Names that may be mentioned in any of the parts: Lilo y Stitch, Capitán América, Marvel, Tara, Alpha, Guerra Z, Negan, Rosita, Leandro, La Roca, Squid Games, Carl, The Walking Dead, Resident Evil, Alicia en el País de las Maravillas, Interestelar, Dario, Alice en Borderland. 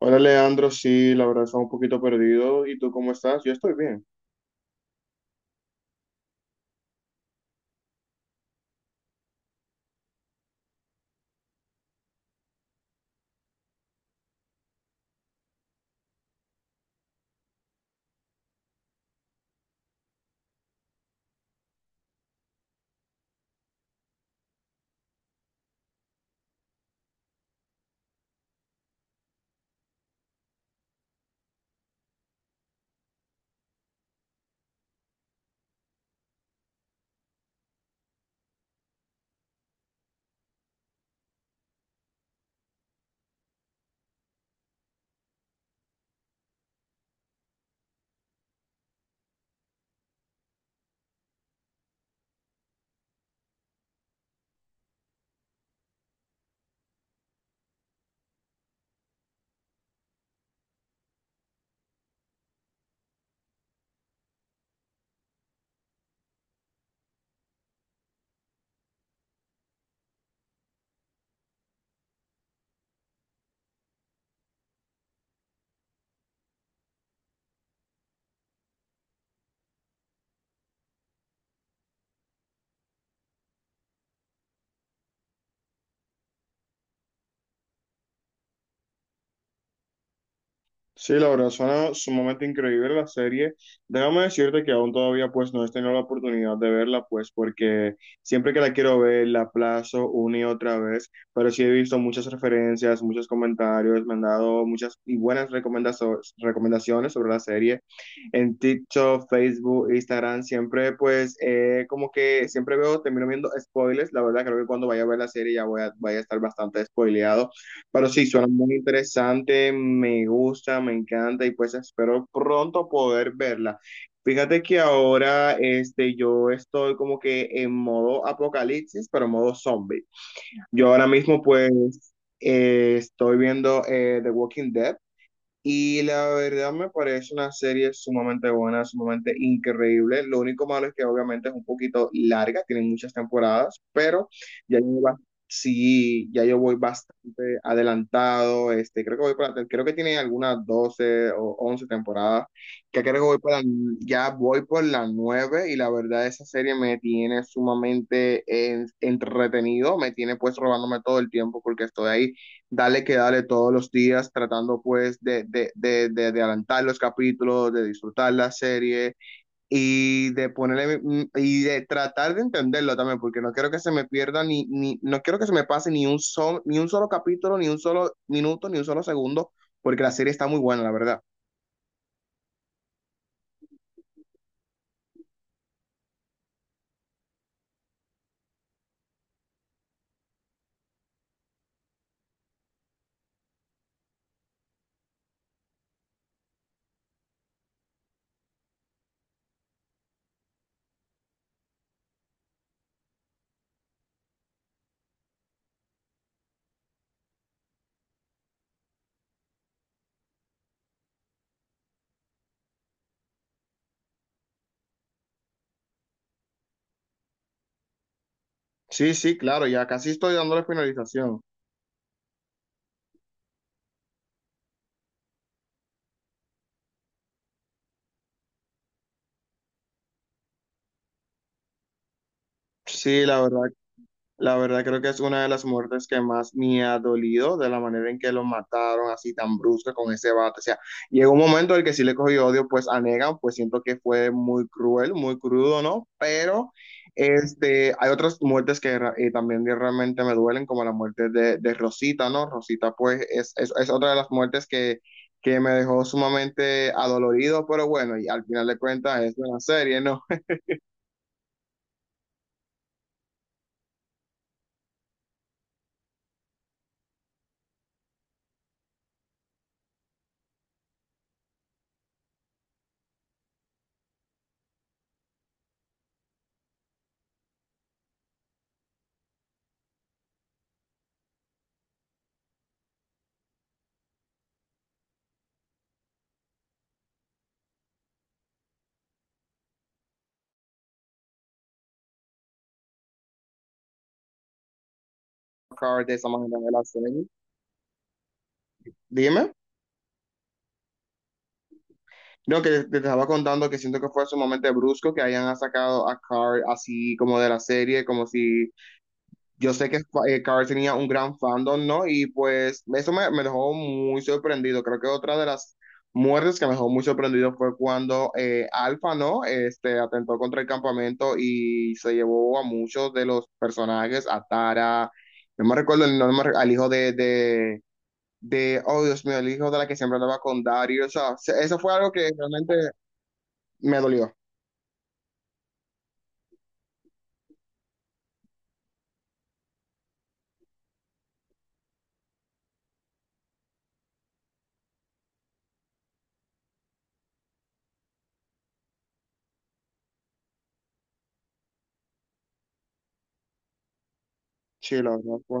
Hola Leandro, sí, la verdad estaba un poquito perdido. ¿Y tú cómo estás? Yo estoy bien. Sí, la verdad suena sumamente increíble la serie. Déjame decirte que aún todavía pues no he tenido la oportunidad de verla pues porque siempre que la quiero ver la aplazo una y otra vez, pero sí he visto muchas referencias, muchos comentarios, me han dado muchas y buenas recomendaciones sobre la serie en TikTok, Facebook, Instagram, siempre pues como que siempre veo, termino viendo spoilers, la verdad creo que cuando vaya a ver la serie ya voy a, vaya a estar bastante spoileado. Pero sí, suena muy interesante, me gusta, me encanta y pues espero pronto poder verla. Fíjate que ahora este, yo estoy como que en modo apocalipsis, pero modo zombie. Yo ahora mismo pues estoy viendo The Walking Dead. Y la verdad me parece una serie sumamente buena, sumamente increíble. Lo único malo es que obviamente es un poquito larga, tiene muchas temporadas, pero ya yo, sí, ya yo voy bastante adelantado. Este, creo que voy para, creo que tiene algunas 12 o 11 temporadas, que creo que voy para, ya voy por la 9 y la verdad esa serie me tiene sumamente entretenido, me tiene pues robándome todo el tiempo porque estoy ahí dale que dale todos los días, tratando pues de adelantar los capítulos, de disfrutar la serie y de ponerle y de tratar de entenderlo también, porque no quiero que se me pierda ni, ni no quiero que se me pase ni un solo, ni un solo capítulo, ni un solo minuto, ni un solo segundo, porque la serie está muy buena, la verdad. Sí, sí, claro, ya casi estoy dándole finalización. Sí, la verdad. La verdad creo que es una de las muertes que más me ha dolido de la manera en que lo mataron así tan brusca con ese bate. O sea, llegó un momento en el que sí le cogí odio pues a Negan, pues siento que fue muy cruel, muy crudo, ¿no? Pero este, hay otras muertes que también realmente me duelen, como la muerte de Rosita, ¿no? Rosita pues es otra de las muertes que me dejó sumamente adolorido, pero bueno, y al final de cuentas es una serie, ¿no? Carl, de esa manera de la serie. Dime. No, que te estaba contando que siento que fue sumamente brusco que hayan sacado a Carl así como de la serie, como si yo sé que Carl tenía un gran fandom, ¿no? Y pues eso me, me dejó muy sorprendido. Creo que otra de las muertes que me dejó muy sorprendido fue cuando Alpha, ¿no? Este, atentó contra el campamento y se llevó a muchos de los personajes, a Tara, no me recuerdo el nombre, al hijo de oh Dios mío, el hijo de la que siempre andaba con Dario, o sea, eso fue algo que realmente me dolió, sí, la verdad fue,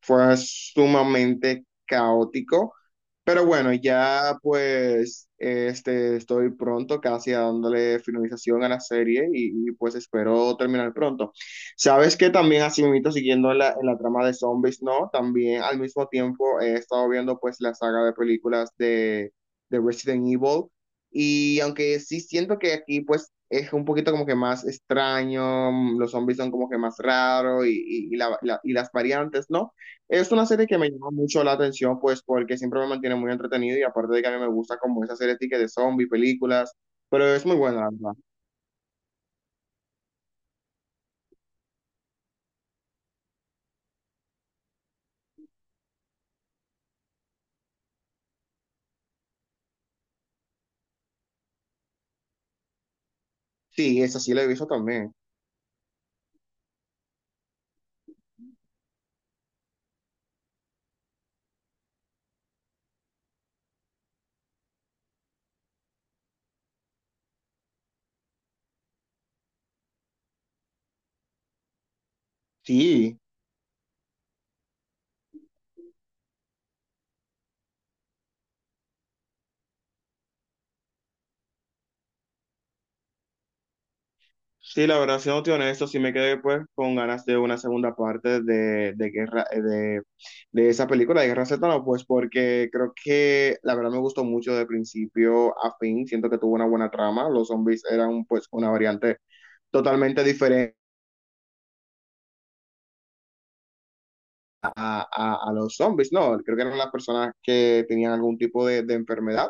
fue sumamente caótico, pero bueno, ya pues este, estoy pronto casi a dándole finalización a la serie y pues espero terminar pronto. Sabes que también así mismo siguiendo en en la trama de zombies, ¿no? También al mismo tiempo he estado viendo pues la saga de películas de Resident Evil. Y aunque sí siento que aquí pues es un poquito como que más extraño, mm, los zombies son como que más raros y, y las variantes, ¿no? Es una serie que me llama mucho la atención pues porque siempre me mantiene muy entretenido y aparte de que a mí me gusta como esa serie de zombies, películas, pero es muy buena, la verdad. Sí, esa sí la he visto también. Sí. Sí, la verdad, siéndote honesto, sí me quedé pues con ganas de una segunda parte de Guerra, de esa película de Guerra Z, ¿no? Pues porque creo que la verdad me gustó mucho de principio a fin, siento que tuvo una buena trama, los zombies eran pues una variante totalmente diferente a, a los zombies, ¿no? Creo que eran las personas que tenían algún tipo de enfermedad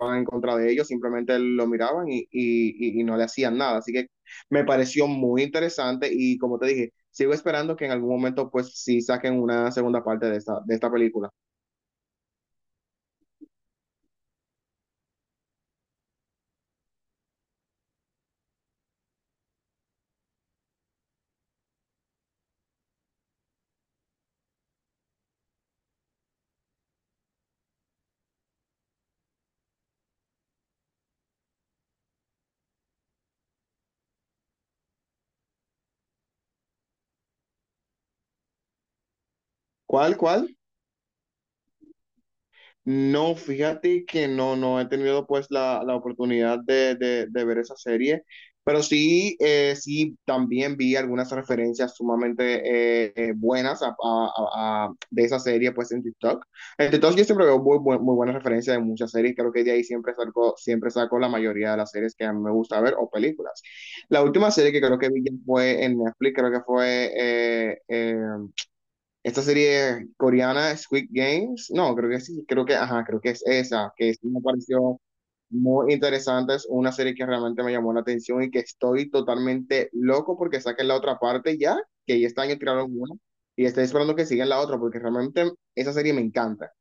en contra de ellos, simplemente lo miraban y no le hacían nada. Así que me pareció muy interesante y como te dije, sigo esperando que en algún momento pues sí saquen una segunda parte de esta película. ¿Cuál, cuál? No, fíjate que no, no he tenido pues la oportunidad de, de ver esa serie, pero sí, sí, también vi algunas referencias sumamente buenas de esa serie pues en TikTok. En TikTok yo siempre veo muy, muy buenas referencias de muchas series, creo que de ahí siempre saco la mayoría de las series que a mí me gusta ver o películas. La última serie que creo que vi ya fue en Netflix, creo que fue… esta serie coreana, Squid Games, no, creo que sí, creo que, ajá, creo que es esa, que sí me pareció muy interesante, es una serie que realmente me llamó la atención y que estoy totalmente loco porque saquen la otra parte ya, que ya este año tiraron una, y estoy esperando que sigan la otra porque realmente esa serie me encanta.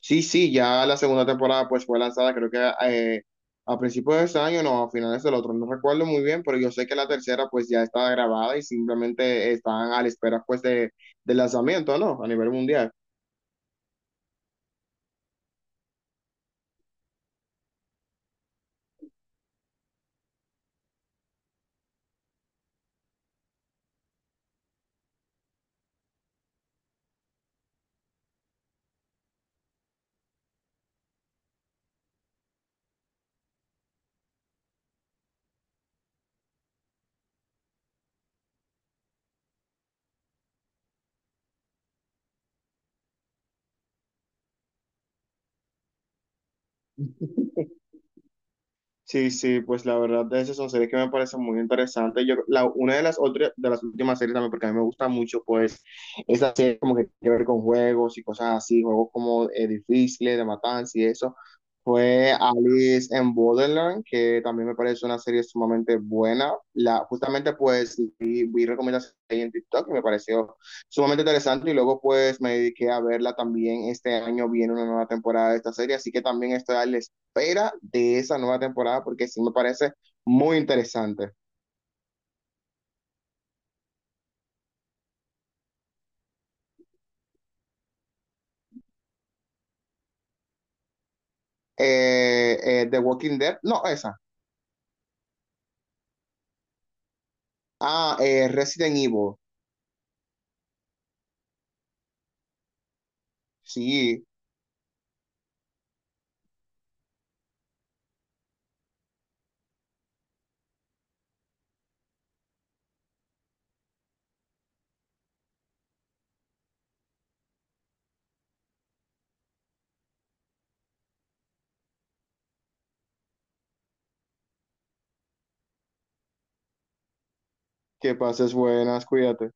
Sí, sí, ya la segunda temporada pues fue lanzada creo que eh, a principios de este año, no, a finales del otro, no recuerdo muy bien, pero yo sé que la tercera pues ya está grabada y simplemente están a la espera pues de, del lanzamiento, ¿no? A nivel mundial. Sí, sí, pues la verdad de esas son series que me parecen muy interesantes. Yo, la, una de las otras, de las últimas series también, porque a mí me gusta mucho, pues, es la serie como que tiene que ver con juegos y cosas así, juegos como difíciles, de matanza y eso. Fue Alice en Borderland, que también me parece una serie sumamente buena. La, justamente, pues, vi recomendaciones ahí en TikTok y me pareció sumamente interesante. Y luego, pues, me dediqué a verla también. Este año viene una nueva temporada de esta serie, así que también estoy al espera de esa nueva temporada porque sí me parece muy interesante. The Walking Dead, no, esa. Ah, Resident Evil. Sí, que pases buenas, cuídate.